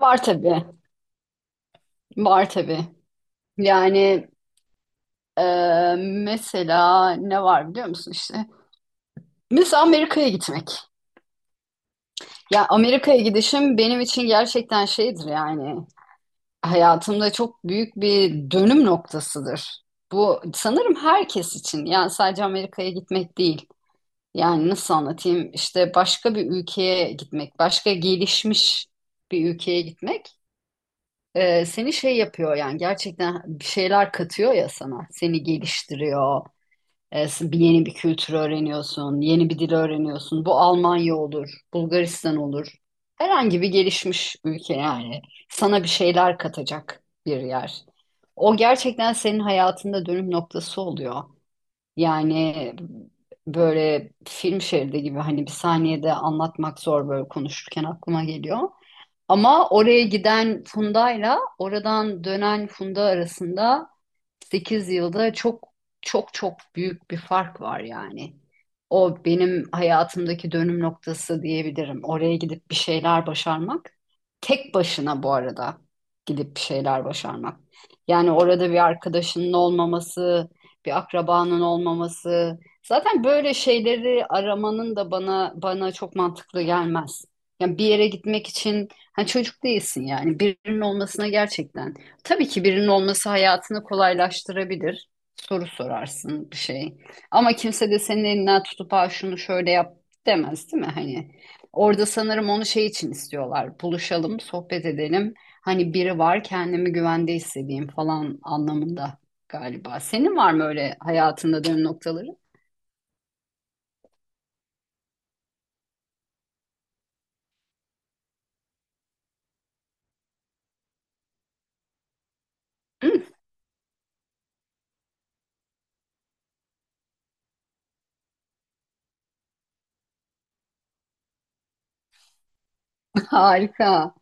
Var tabii. Var tabii. Yani e, mesela ne var biliyor musun işte? Mesela Amerika'ya gitmek. Ya Amerika'ya gidişim benim için gerçekten şeydir yani. Hayatımda çok büyük bir dönüm noktasıdır. Bu sanırım herkes için. Yani sadece Amerika'ya gitmek değil. Yani nasıl anlatayım? İşte başka bir ülkeye gitmek, başka gelişmiş bir ülkeye gitmek. Seni şey yapıyor yani gerçekten bir şeyler katıyor ya sana. Seni geliştiriyor. Bir Yeni bir kültür öğreniyorsun, yeni bir dil öğreniyorsun. Bu Almanya olur, Bulgaristan olur. Herhangi bir gelişmiş ülke yani sana bir şeyler katacak bir yer. O gerçekten senin hayatında dönüm noktası oluyor. Yani böyle film şeridi gibi hani bir saniyede anlatmak zor, böyle konuşurken aklıma geliyor. Ama oraya giden Funda'yla oradan dönen Funda arasında 8 yılda çok çok büyük bir fark var yani. O benim hayatımdaki dönüm noktası diyebilirim. Oraya gidip bir şeyler başarmak. Tek başına bu arada gidip bir şeyler başarmak. Yani orada bir arkadaşının olmaması, bir akrabanın olmaması. Zaten böyle şeyleri aramanın da bana çok mantıklı gelmez. Yani bir yere gitmek için hani çocuk değilsin, yani birinin olmasına gerçekten. Tabii ki birinin olması hayatını kolaylaştırabilir. Soru sorarsın bir şey. Ama kimse de senin elinden tutup ha şunu şöyle yap demez, değil mi? Hani orada sanırım onu şey için istiyorlar. Buluşalım, sohbet edelim. Hani biri var, kendimi güvende hissedeyim falan anlamında galiba. Senin var mı öyle hayatında dönüm noktaları? Harika.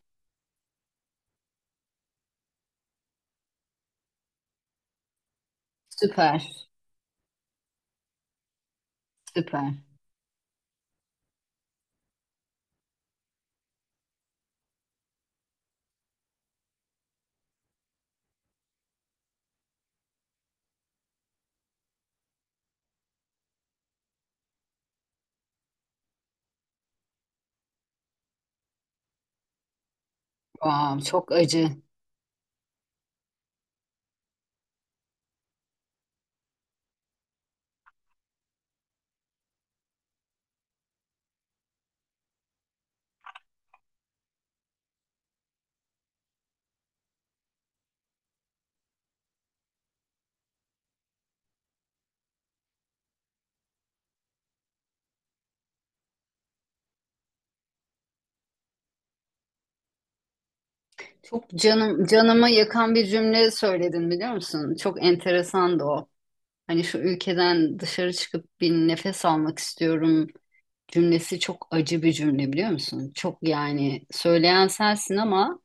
Süper. Süper. Wow, çok acı. Çok canım, canımı yakan bir cümle söyledin biliyor musun? Çok enteresandı o. Hani şu ülkeden dışarı çıkıp bir nefes almak istiyorum cümlesi çok acı bir cümle biliyor musun? Çok yani, söyleyen sensin ama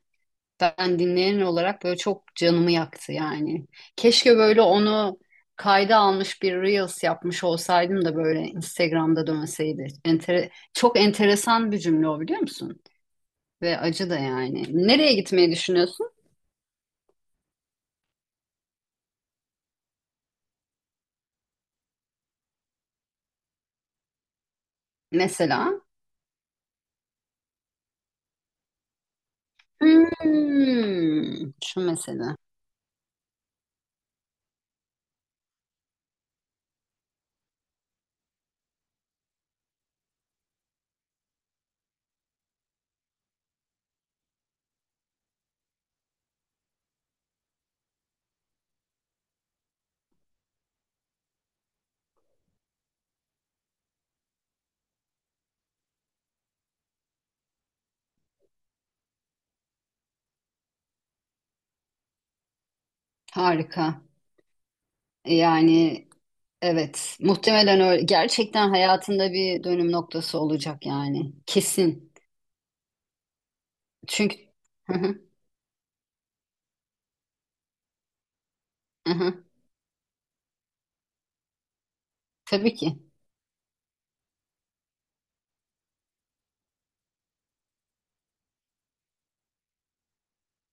ben dinleyen olarak böyle çok canımı yaktı yani. Keşke böyle onu kayda almış bir Reels yapmış olsaydım da böyle Instagram'da dönseydi. Çok enteresan bir cümle o, biliyor musun? Ve acı da yani. Nereye gitmeyi düşünüyorsun? Mesela. Hmm, şu mesela. Harika. E Yani Evet, muhtemelen öyle. Gerçekten hayatında bir dönüm noktası olacak yani. Kesin. Çünkü hı hı, hı hı, tabii ki.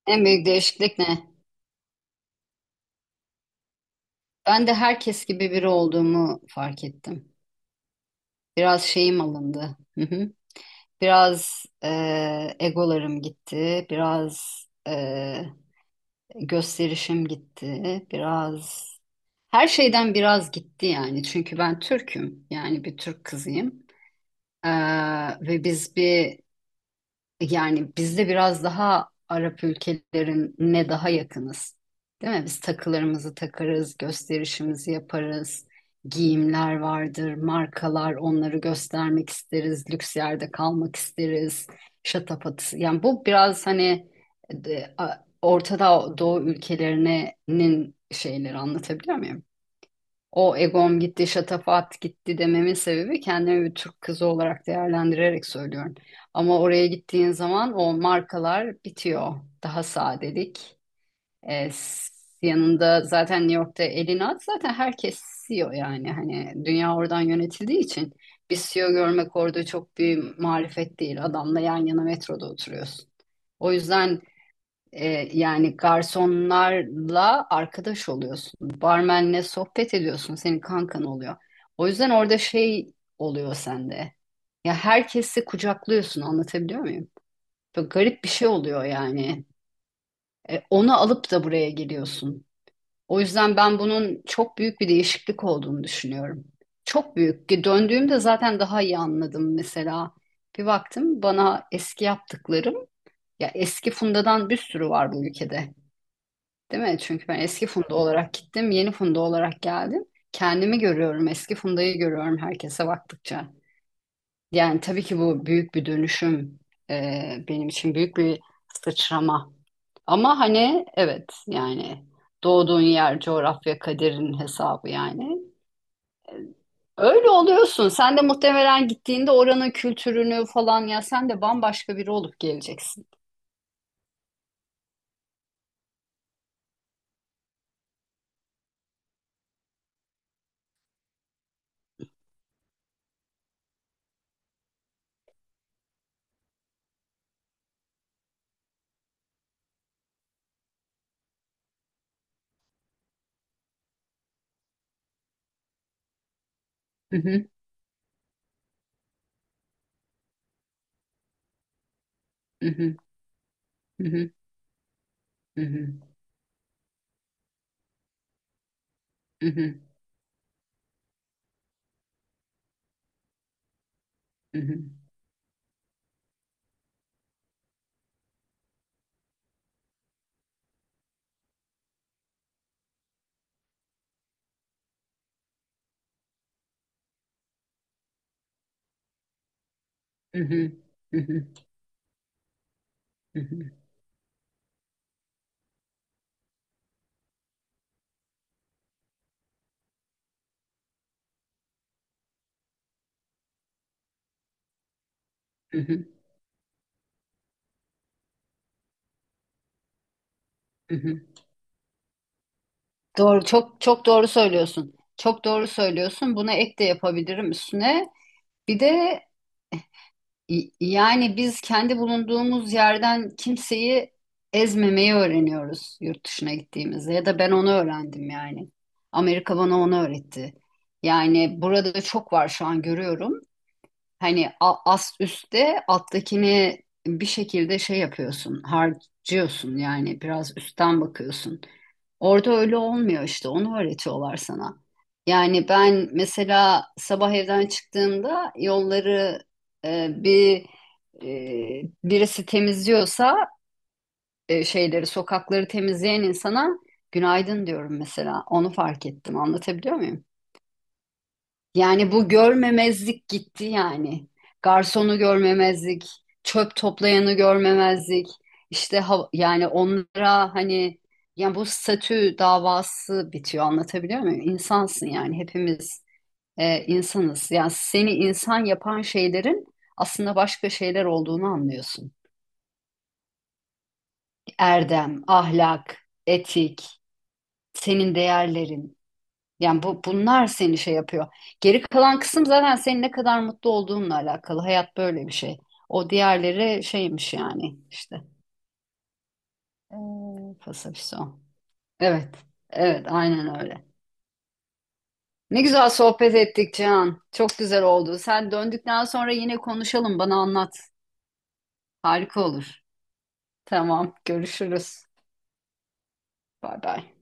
En büyük değişiklik ne? Ben de herkes gibi biri olduğumu fark ettim. Biraz şeyim alındı. Hı hı. Biraz egolarım gitti. Biraz gösterişim gitti. Biraz her şeyden biraz gitti yani. Çünkü ben Türk'üm. Yani bir Türk kızıyım. Ve biz bir Yani biz de biraz daha Arap ülkelerine daha yakınız. Değil mi? Biz takılarımızı takarız, gösterişimizi yaparız. Giyimler vardır, markalar, onları göstermek isteriz, lüks yerde kalmak isteriz. Şatafatı. Yani bu biraz hani Orta Doğu ülkelerinin şeyleri, anlatabiliyor muyum? O egom gitti, şatafat gitti dememin sebebi, kendimi bir Türk kızı olarak değerlendirerek söylüyorum. Ama oraya gittiğin zaman o markalar bitiyor. Daha sadelik. E, s- Yanında zaten New York'ta elini at, zaten herkes CEO yani. Hani dünya oradan yönetildiği için bir CEO görmek orada çok bir marifet değil. Adamla yan yana metroda oturuyorsun. O yüzden e, yani garsonlarla arkadaş oluyorsun. Barmenle sohbet ediyorsun. Senin kankan oluyor. O yüzden orada şey oluyor sende. Ya herkesi kucaklıyorsun. Anlatabiliyor muyum? Böyle garip bir şey oluyor yani. Onu alıp da buraya geliyorsun. O yüzden ben bunun çok büyük bir değişiklik olduğunu düşünüyorum. Çok büyük. Ki döndüğümde zaten daha iyi anladım mesela. Bir baktım bana, eski yaptıklarım ya, eski fundadan bir sürü var bu ülkede. Değil mi? Çünkü ben eski Funda olarak gittim, yeni Funda olarak geldim. Kendimi görüyorum, eski Funda'yı görüyorum herkese baktıkça. Yani tabii ki bu büyük bir dönüşüm, benim için büyük bir sıçrama. Ama hani evet yani, doğduğun yer coğrafya kaderin hesabı yani. Öyle oluyorsun. Sen de muhtemelen gittiğinde oranın kültürünü falan, ya sen de bambaşka biri olup geleceksin. Hı hı, hı hı, hı hı, hı hı, hı hı, hı hı, hı hı, hı hı, hı hı, hı hı, hı hı. Doğru, çok çok doğru söylüyorsun. Çok doğru söylüyorsun. Buna ek de yapabilirim üstüne. Bir de yani biz kendi bulunduğumuz yerden kimseyi ezmemeyi öğreniyoruz yurt dışına gittiğimizde, ya da ben onu öğrendim yani. Amerika bana onu öğretti. Yani burada da çok var, şu an görüyorum. Hani ast üstte alttakini bir şekilde şey yapıyorsun, harcıyorsun, yani biraz üstten bakıyorsun. Orada öyle olmuyor işte. Onu öğretiyorlar sana. Yani ben mesela sabah evden çıktığımda yolları e, bir birisi temizliyorsa şeyleri, sokakları temizleyen insana günaydın diyorum mesela. Onu fark ettim. Anlatabiliyor muyum? Yani bu görmemezlik gitti yani. Garsonu görmemezlik, çöp toplayanı görmemezlik. İşte yani onlara hani, yani bu statü davası bitiyor, anlatabiliyor muyum? İnsansın yani, hepimiz insanız. Yani seni insan yapan şeylerin aslında başka şeyler olduğunu anlıyorsun. Erdem, ahlak, etik, senin değerlerin. Yani bunlar seni şey yapıyor. Geri kalan kısım zaten senin ne kadar mutlu olduğunla alakalı. Hayat böyle bir şey. O diğerleri şeymiş yani işte. Ee, Pasifist o. Evet. Evet aynen öyle. Ne güzel sohbet ettik Cihan. Çok güzel oldu. Sen döndükten sonra yine konuşalım. Bana anlat. Harika olur. Tamam. Görüşürüz. Bay bay.